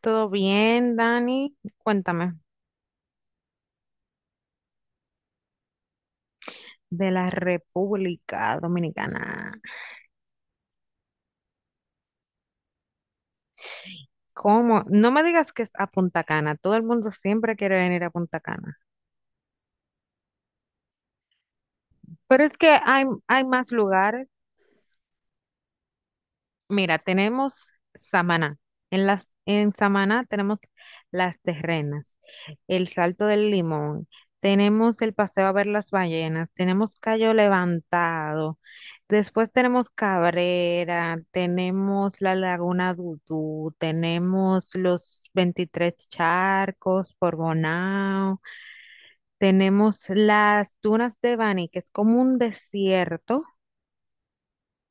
Todo bien, Dani. Cuéntame de la República Dominicana. ¿Cómo? No me digas que es a Punta Cana. Todo el mundo siempre quiere venir a Punta Cana. Pero es que hay más lugares. Mira, tenemos Samaná. En Samaná tenemos las terrenas, el Salto del Limón, tenemos el paseo a ver las ballenas, tenemos Cayo Levantado, después tenemos Cabrera, tenemos la Laguna Dudú, tenemos los 23 charcos por Bonao, tenemos las dunas de Bani, que es como un desierto,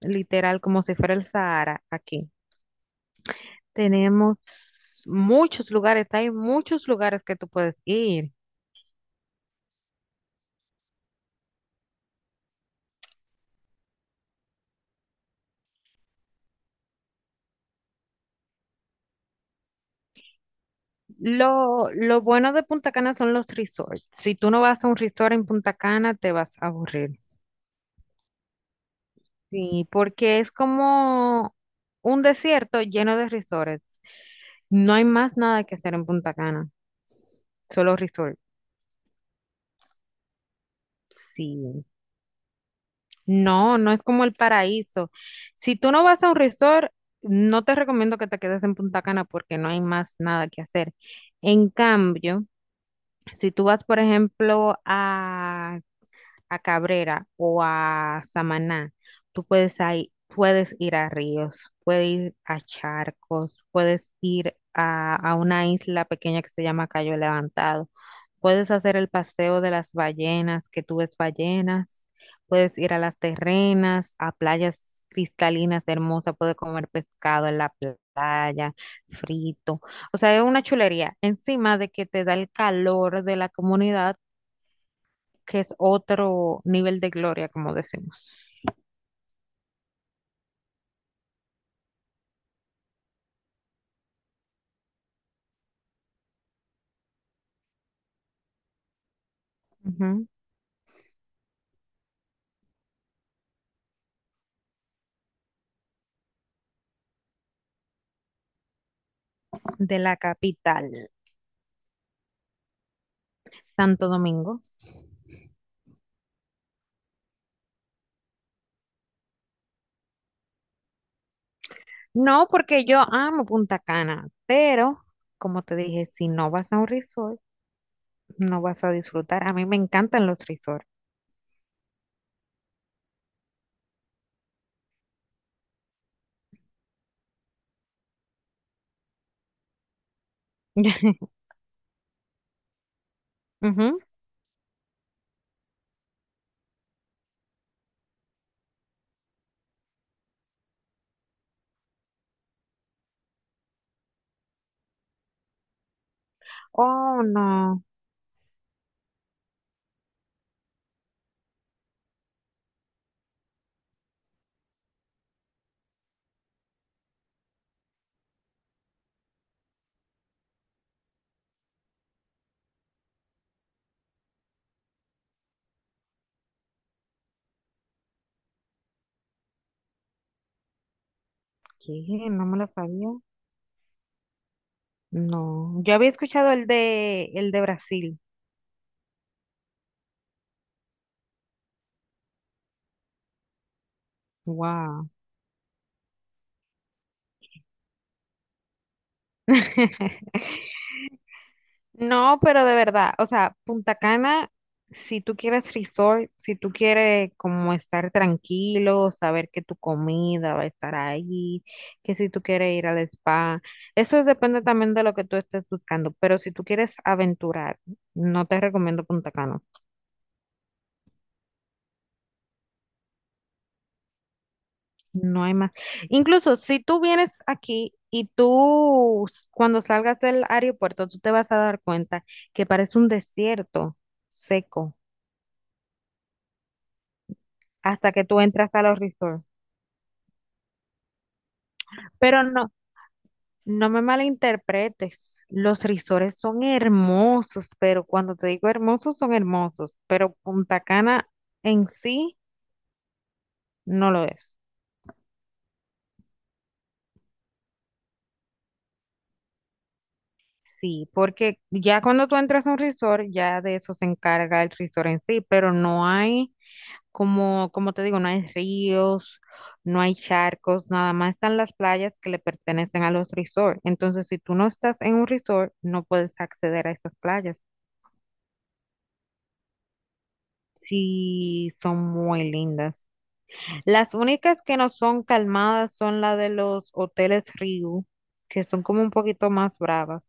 literal, como si fuera el Sahara aquí. Tenemos muchos lugares, hay muchos lugares que tú puedes ir. Lo bueno de Punta Cana son los resorts. Si tú no vas a un resort en Punta Cana, te vas a aburrir. Sí, porque es como un desierto lleno de resorts. No hay más nada que hacer en Punta Cana, solo resort. Sí, no, no es como el paraíso. Si tú no vas a un resort, no te recomiendo que te quedes en Punta Cana porque no hay más nada que hacer. En cambio, si tú vas, por ejemplo, a Cabrera o a Samaná, tú puedes, puedes ir a ríos, puedes ir a charcos, puedes ir a una isla pequeña que se llama Cayo Levantado, puedes hacer el paseo de las ballenas, que tú ves ballenas, puedes ir a las terrenas, a playas cristalinas hermosas, puedes comer pescado en la playa, frito. O sea, es una chulería. Encima de que te da el calor de la comunidad que es otro nivel de gloria, como decimos. Ujú, de la capital, Santo Domingo. No, porque yo amo Punta Cana, pero como te dije, si no vas a un resort, no vas a disfrutar. A mí me encantan los resorts. Ujú. Oh, no. ¿Qué? No me lo sabía. No. Yo había escuchado el de Brasil. Wow. No, pero de verdad, o sea, Punta Cana, si tú quieres resort, si tú quieres como estar tranquilo, saber que tu comida va a estar ahí, que si tú quieres ir al spa, eso depende también de lo que tú estés buscando, pero si tú quieres aventurar, no te recomiendo Punta Cana, no hay más. Incluso si tú vienes aquí y tú cuando salgas del aeropuerto, tú te vas a dar cuenta que parece un desierto seco hasta que tú entras a los resorts. Pero no, no me malinterpretes. Los risores son hermosos, pero cuando te digo hermosos, son hermosos. Pero Punta Cana en sí no lo es. Sí, porque ya cuando tú entras a un resort, ya de eso se encarga el resort en sí, pero no hay, como, te digo, no hay ríos, no hay charcos, nada más están las playas que le pertenecen a los resorts. Entonces, si tú no estás en un resort, no puedes acceder a esas playas. Sí, son muy lindas. Las únicas que no son calmadas son la de los hoteles Ryu, que son como un poquito más bravas,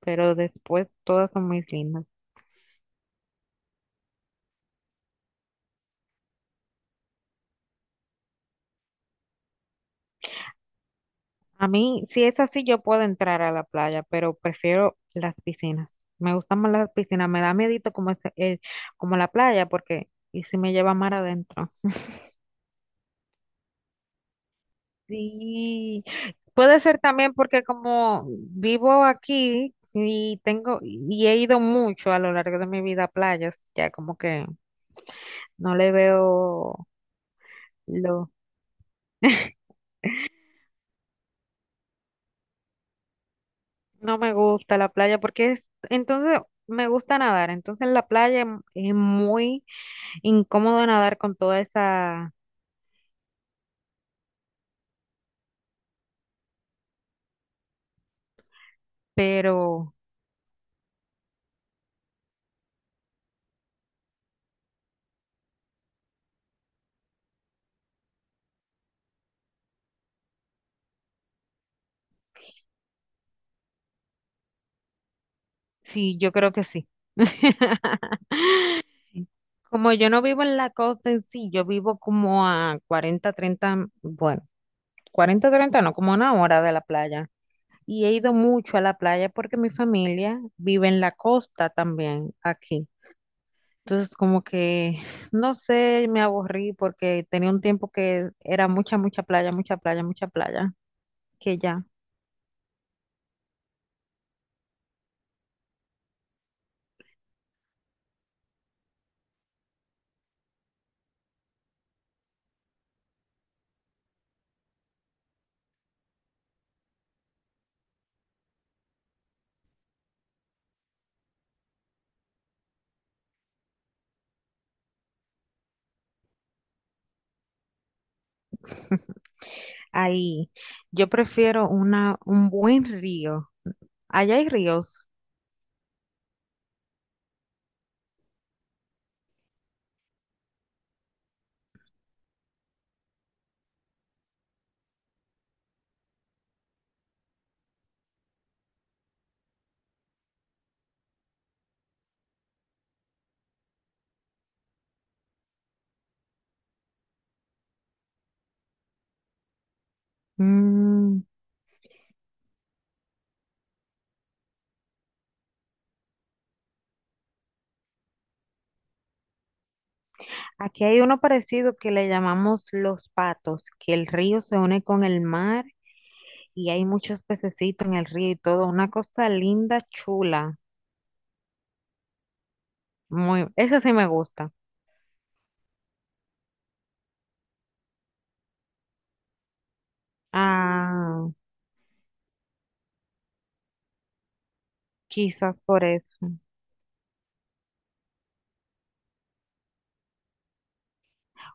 pero después todas son muy lindas. A mí, si es así, yo puedo entrar a la playa, pero prefiero las piscinas. Me gustan más las piscinas, me da miedito como como la playa, porque y si me lleva mar adentro. Sí, puede ser también porque como vivo aquí y tengo y he ido mucho a lo largo de mi vida a playas, ya como que no le veo lo... No me gusta la playa porque es... Entonces, me gusta nadar. Entonces, en la playa es muy incómodo nadar con toda esa... Pero sí, yo creo que sí. Como yo no vivo en la costa en sí, yo vivo como a 40 treinta, bueno, 40 30 no, como una hora de la playa. Y he ido mucho a la playa porque mi familia vive en la costa también, aquí. Entonces, como que, no sé, me aburrí porque tenía un tiempo que era mucha, mucha playa, mucha playa, mucha playa, que ya. Ahí, yo prefiero una, un buen río. Allá hay ríos. Mm, aquí hay uno parecido que le llamamos Los Patos, que el río se une con el mar y hay muchos pececitos en el río y todo. Una cosa linda, chula. Muy, eso sí me gusta. Ah, quizás por eso.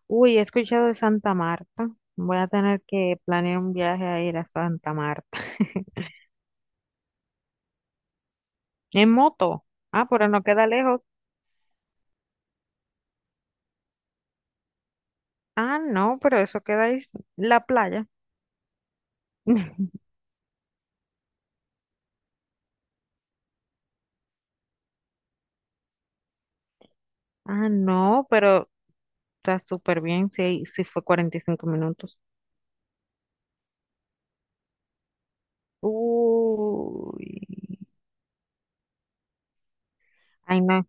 Uy, he escuchado de Santa Marta. Voy a tener que planear un viaje a ir a Santa Marta. En moto. Ah, pero no queda lejos. Ah, no, pero eso queda ahí, la playa. Ah, no, pero está súper bien. Sí, sí fue 45 minutos. Uy. Ay, no,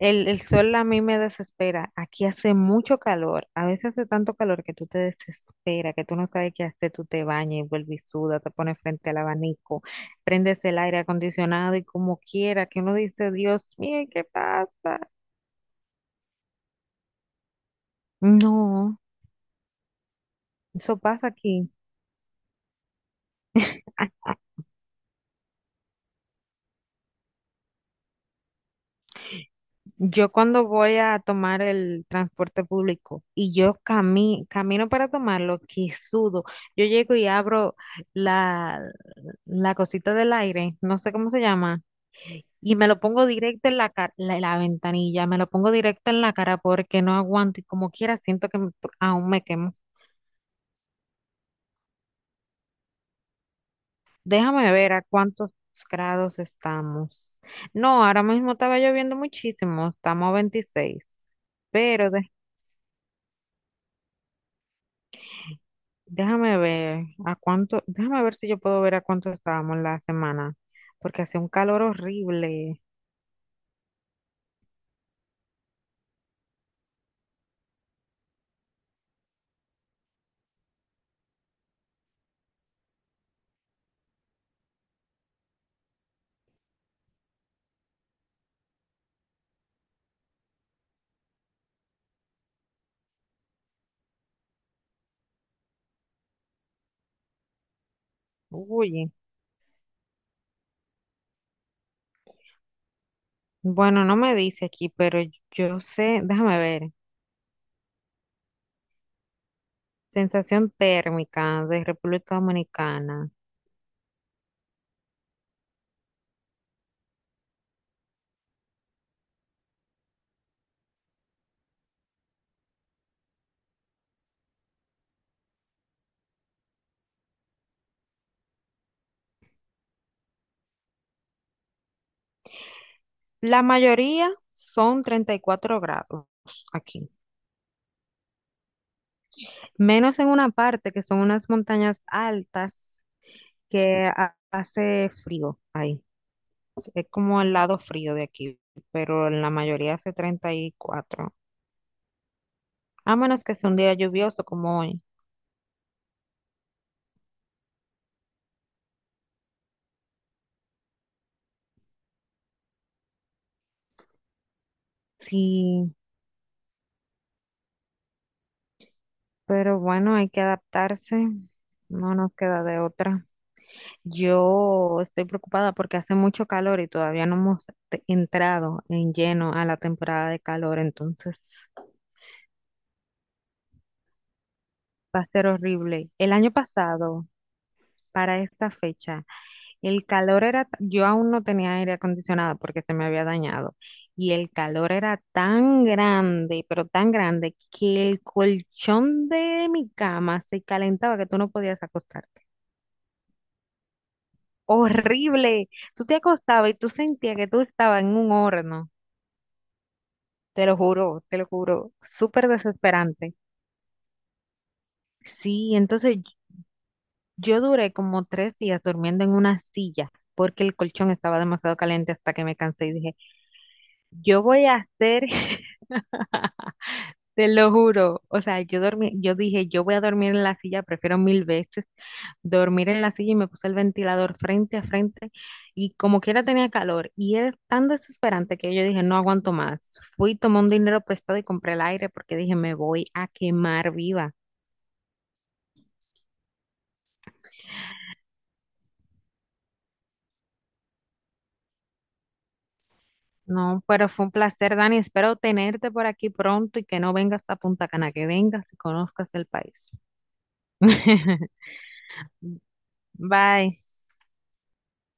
el sol a mí me desespera. Aquí hace mucho calor. A veces hace tanto calor que tú te desesperas, que tú no sabes qué hacer. Tú te bañas y vuelves y sudas, te pones frente al abanico, prendes el aire acondicionado y como quiera, que uno dice, Dios mío, ¿qué pasa? No, eso pasa aquí. Ah, yo cuando voy a tomar el transporte público y yo camino para tomarlo, que sudo. Yo llego y abro la, la cosita del aire, no sé cómo se llama. Y me lo pongo directo en la cara, la ventanilla, me lo pongo directo en la cara porque no aguanto y como quiera siento que aún me quemo. Déjame ver a cuántos grados estamos. No, ahora mismo estaba lloviendo muchísimo, estamos a 26, pero de- déjame ver a cuánto, déjame ver si yo puedo ver a cuánto estábamos la semana, porque hace un calor horrible. Uy, bueno, no me dice aquí, pero yo sé, déjame ver. Sensación térmica de República Dominicana. La mayoría son 34 grados aquí, menos en una parte que son unas montañas altas que hace frío ahí. Es como el lado frío de aquí, pero en la mayoría hace 34, a menos que sea un día lluvioso como hoy. Sí, pero bueno, hay que adaptarse, no nos queda de otra. Yo estoy preocupada porque hace mucho calor y todavía no hemos entrado en lleno a la temporada de calor, entonces va a ser horrible. El año pasado, para esta fecha, el calor era, yo aún no tenía aire acondicionado porque se me había dañado y el calor era tan grande, pero tan grande, que el colchón de mi cama se calentaba que tú no podías acostarte. Horrible. Tú te acostabas y tú sentías que tú estabas en un horno. Te lo juro, súper desesperante. Sí, entonces, yo duré como 3 días durmiendo en una silla porque el colchón estaba demasiado caliente hasta que me cansé y dije, yo voy a hacer, te lo juro, o sea, yo dormí, yo dije, yo voy a dormir en la silla, prefiero mil veces dormir en la silla y me puse el ventilador frente a frente y como quiera tenía calor y era tan desesperante que yo dije, no aguanto más. Fui, tomé un dinero prestado y compré el aire porque dije, me voy a quemar viva. No, pero fue un placer, Dani. Espero tenerte por aquí pronto y que no vengas a Punta Cana, que vengas y conozcas el país. Bye.